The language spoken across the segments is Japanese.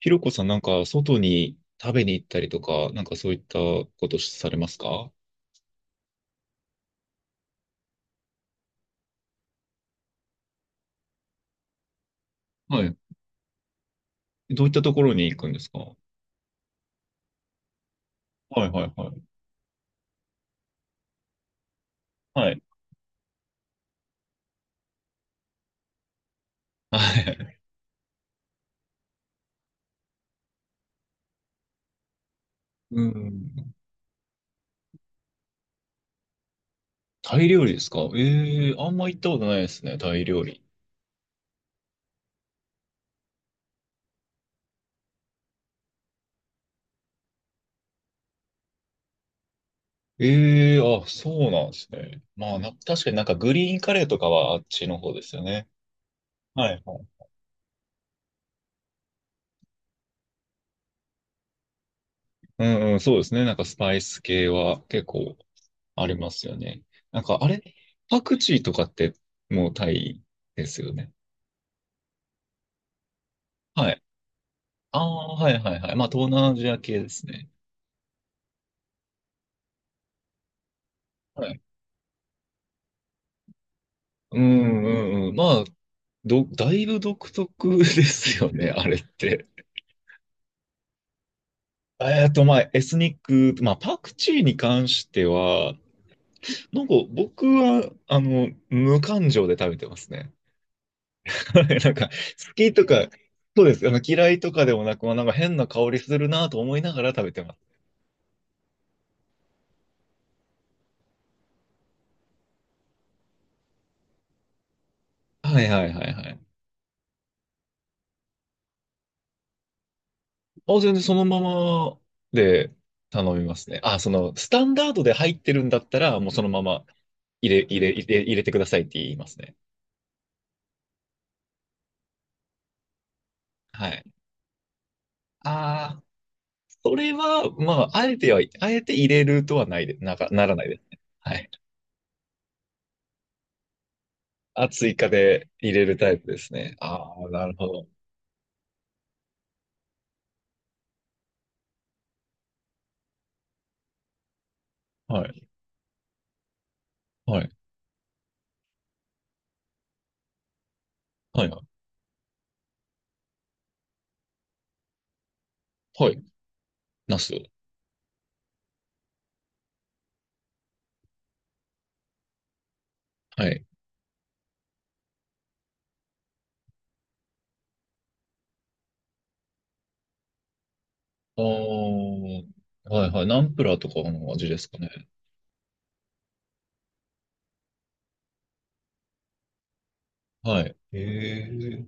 ひろこさん、外に食べに行ったりとか、そういったことされますか？はい。どういったところに行くんですか？はいはいはい。はい。はい。うん。タイ料理ですか？ええー、あんま行ったことないですね、タイ料理。ええー、あ、そうなんですね。まあ、確かにグリーンカレーとかはあっちの方ですよね。はいはい。うんうん、そうですね。スパイス系は結構ありますよね。なんか、あれ、パクチーとかってもうタイですよね。はい。ああ、はいはいはい。まあ、東南アジア系ですね。はい。うんうんうん。まあ、だいぶ独特ですよね、あれって。まあ、エスニック、まあ、パクチーに関しては、僕は、無感情で食べてますね。な好きとか、そうです。嫌いとかでもなく、まあ、変な香りするなと思いながら食べてます。はいはいはいはい。あ、全然そのままで頼みますね。あ、その、スタンダードで入ってるんだったら、もうそのまま入れてくださいって言いますね。はい。ああ、それは、まあ、あえては、あえて入れるとはないで、ならないですね。はい。あ、追加で入れるタイプですね。ああ、なるほど。はい。はい。はい。はい。ナス。はい。ああ、はいはい。ナンプラーとかの味ですかね。はい。へえ。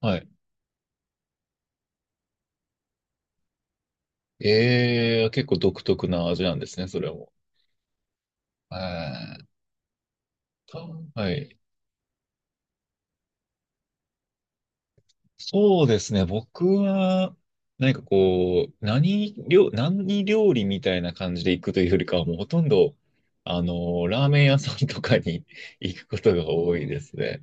はい。ええ、結構独特な味なんですね、それも。えーっと、はい。そうですね、僕は、何かこう、何料、何料理みたいな感じで行くというよりかは、もうほとんど、ラーメン屋さんとかに 行くことが多いですね。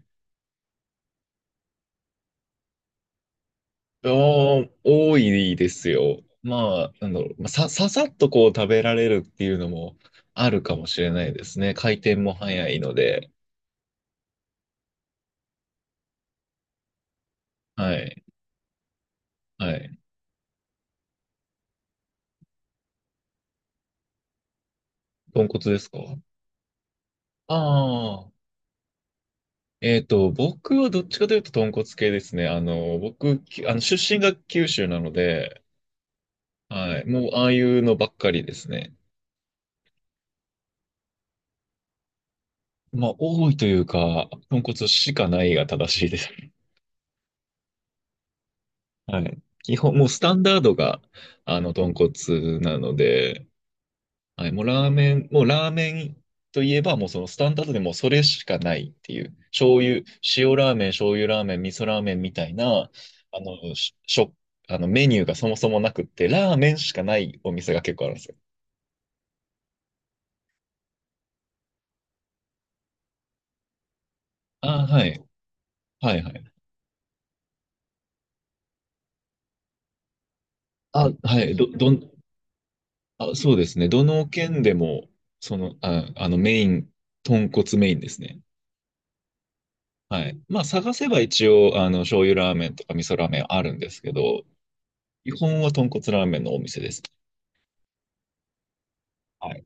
お多いですよ。まあ、なんだろう、ささっとこう食べられるっていうのもあるかもしれないですね。回転も早いので。はい。はい。豚骨ですか？ああ、僕はどっちかというと豚骨系ですね。僕、出身が九州なので、はい、もうああいうのばっかりですね。まあ、多いというか、豚骨しかないが正しいです。はい。基本、もうスタンダードが、豚骨なので、はい、もうラーメンといえば、もうそのスタンダードでもうそれしかないっていう、醤油、塩ラーメン、醤油ラーメン、味噌ラーメンみたいな、あの、しょ、あのメニューがそもそもなくって、ラーメンしかないお店が結構あるんですよ。ああ、はい。はい、はい。あ、はい。ど、どん、あ、そうですね。どの県でも、その、あ、あの、メイン、豚骨メインですね。はい。まあ、探せば一応、醤油ラーメンとか味噌ラーメンあるんですけど、基本は豚骨ラーメンのお店です。はい。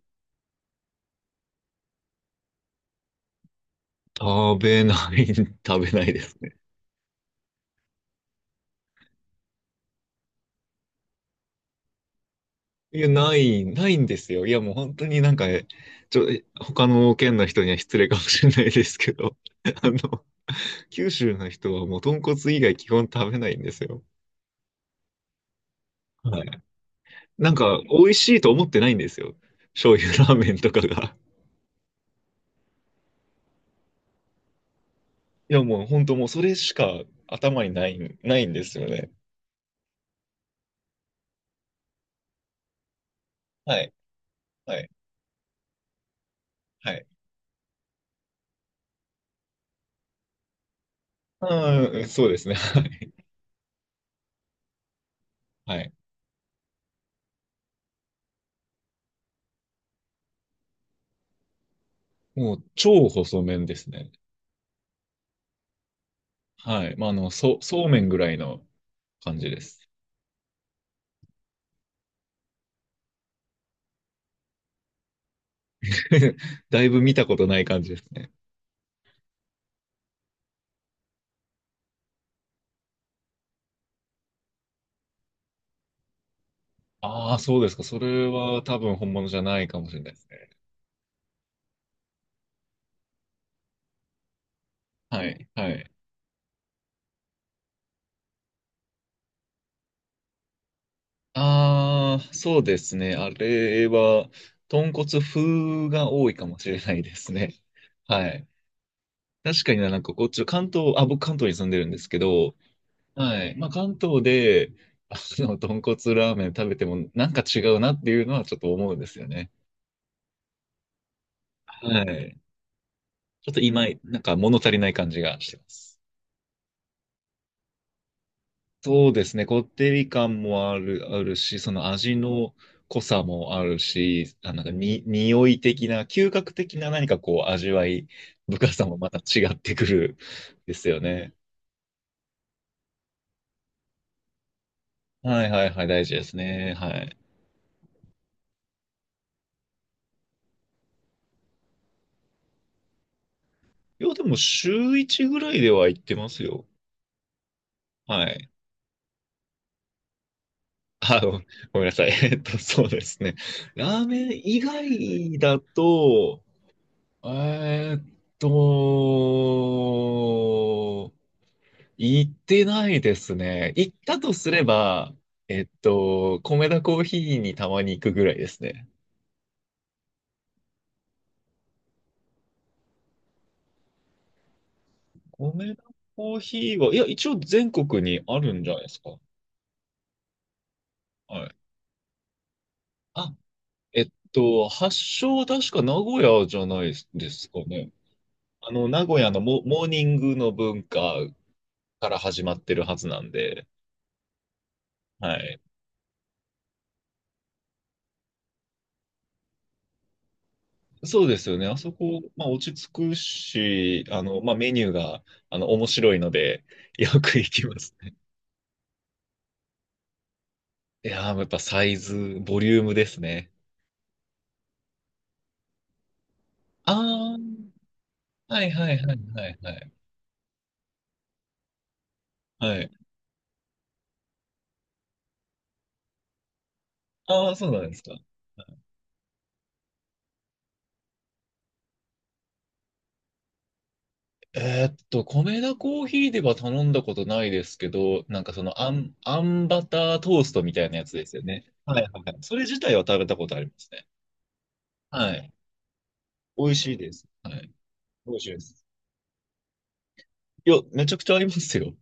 食べない、食べないですね。いや、ないんですよ。いや、もう本当になんか、ちょ、他の県の人には失礼かもしれないですけど、あの、九州の人はもう豚骨以外基本食べないんですよ。はい。なんか、美味しいと思ってないんですよ。醤油ラーメンとかが。いや、もう本当もうそれしか頭にない、ないんですよね。はい。はい。はい。うん、そうですね。はい。はい。もう超細麺ですね。はい。まあ、そうめんぐらいの感じです。だいぶ見たことない感じですね。ああ、そうですか。それは多分本物じゃないかもしれないですね。はい。はい。ああ、そうですね。あれは、豚骨風が多いかもしれないですね。はい。確かにな、こっち、関東、あ、僕関東に住んでるんですけど、はい。まあ関東で、あ豚骨ラーメン食べても違うなっていうのはちょっと思うんですよね。はい。ちょっと今、物足りない感じがしてます。そうですね。こってり感もあるし、その味の濃さもあるし、あ、なんかに、匂い的な、嗅覚的な何かこう味わい深さもまた違ってくるですよね。はいはいはい、大事ですね。はい。いや、でも週1ぐらいでは行ってますよ。はい。あ、ごめんなさい。えっと、そうですね。ラーメン以外だと、えーっと、行ってないですね。行ったとすれば、米田コーヒーにたまに行くぐらいですね。米田コーヒーは、いや、一応全国にあるんじゃないですか。はい。あ、発祥は確か名古屋じゃないですかね。名古屋のモ、モーニングの文化から始まってるはずなんで、はい。そうですよね。あそこ、まあ、落ち着くし、まあ、メニューが、面白いので、よく行きますね。いやー、やっぱサイズ、ボリュームですね。ああ、はいはいはいはいはい。はい。ああ、そうなんですか。えーっと、米田コーヒーでは頼んだことないですけど、その、あんバタートーストみたいなやつですよね。はいはいはい。それ自体は食べたことありますね。はい。美味しいです。はい。美味しいです。いや、めちゃくちゃありますよ。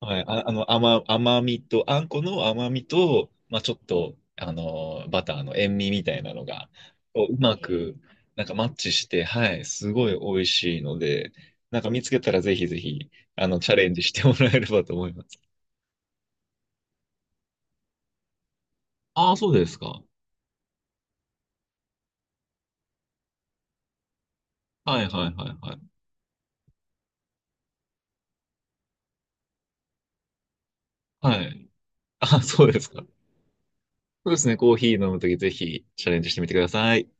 はい、甘みと、あんこの甘みと、まあ、ちょっと、バターの塩味みたいなのが、こう、うまく、マッチして、はい、すごい美味しいので、見つけたらぜひぜひ、チャレンジしてもらえればと思います。ああ、そうですか。はいはいはいはい。はい。あ、そうですか。そうですね、コーヒー飲むときぜひチャレンジしてみてください。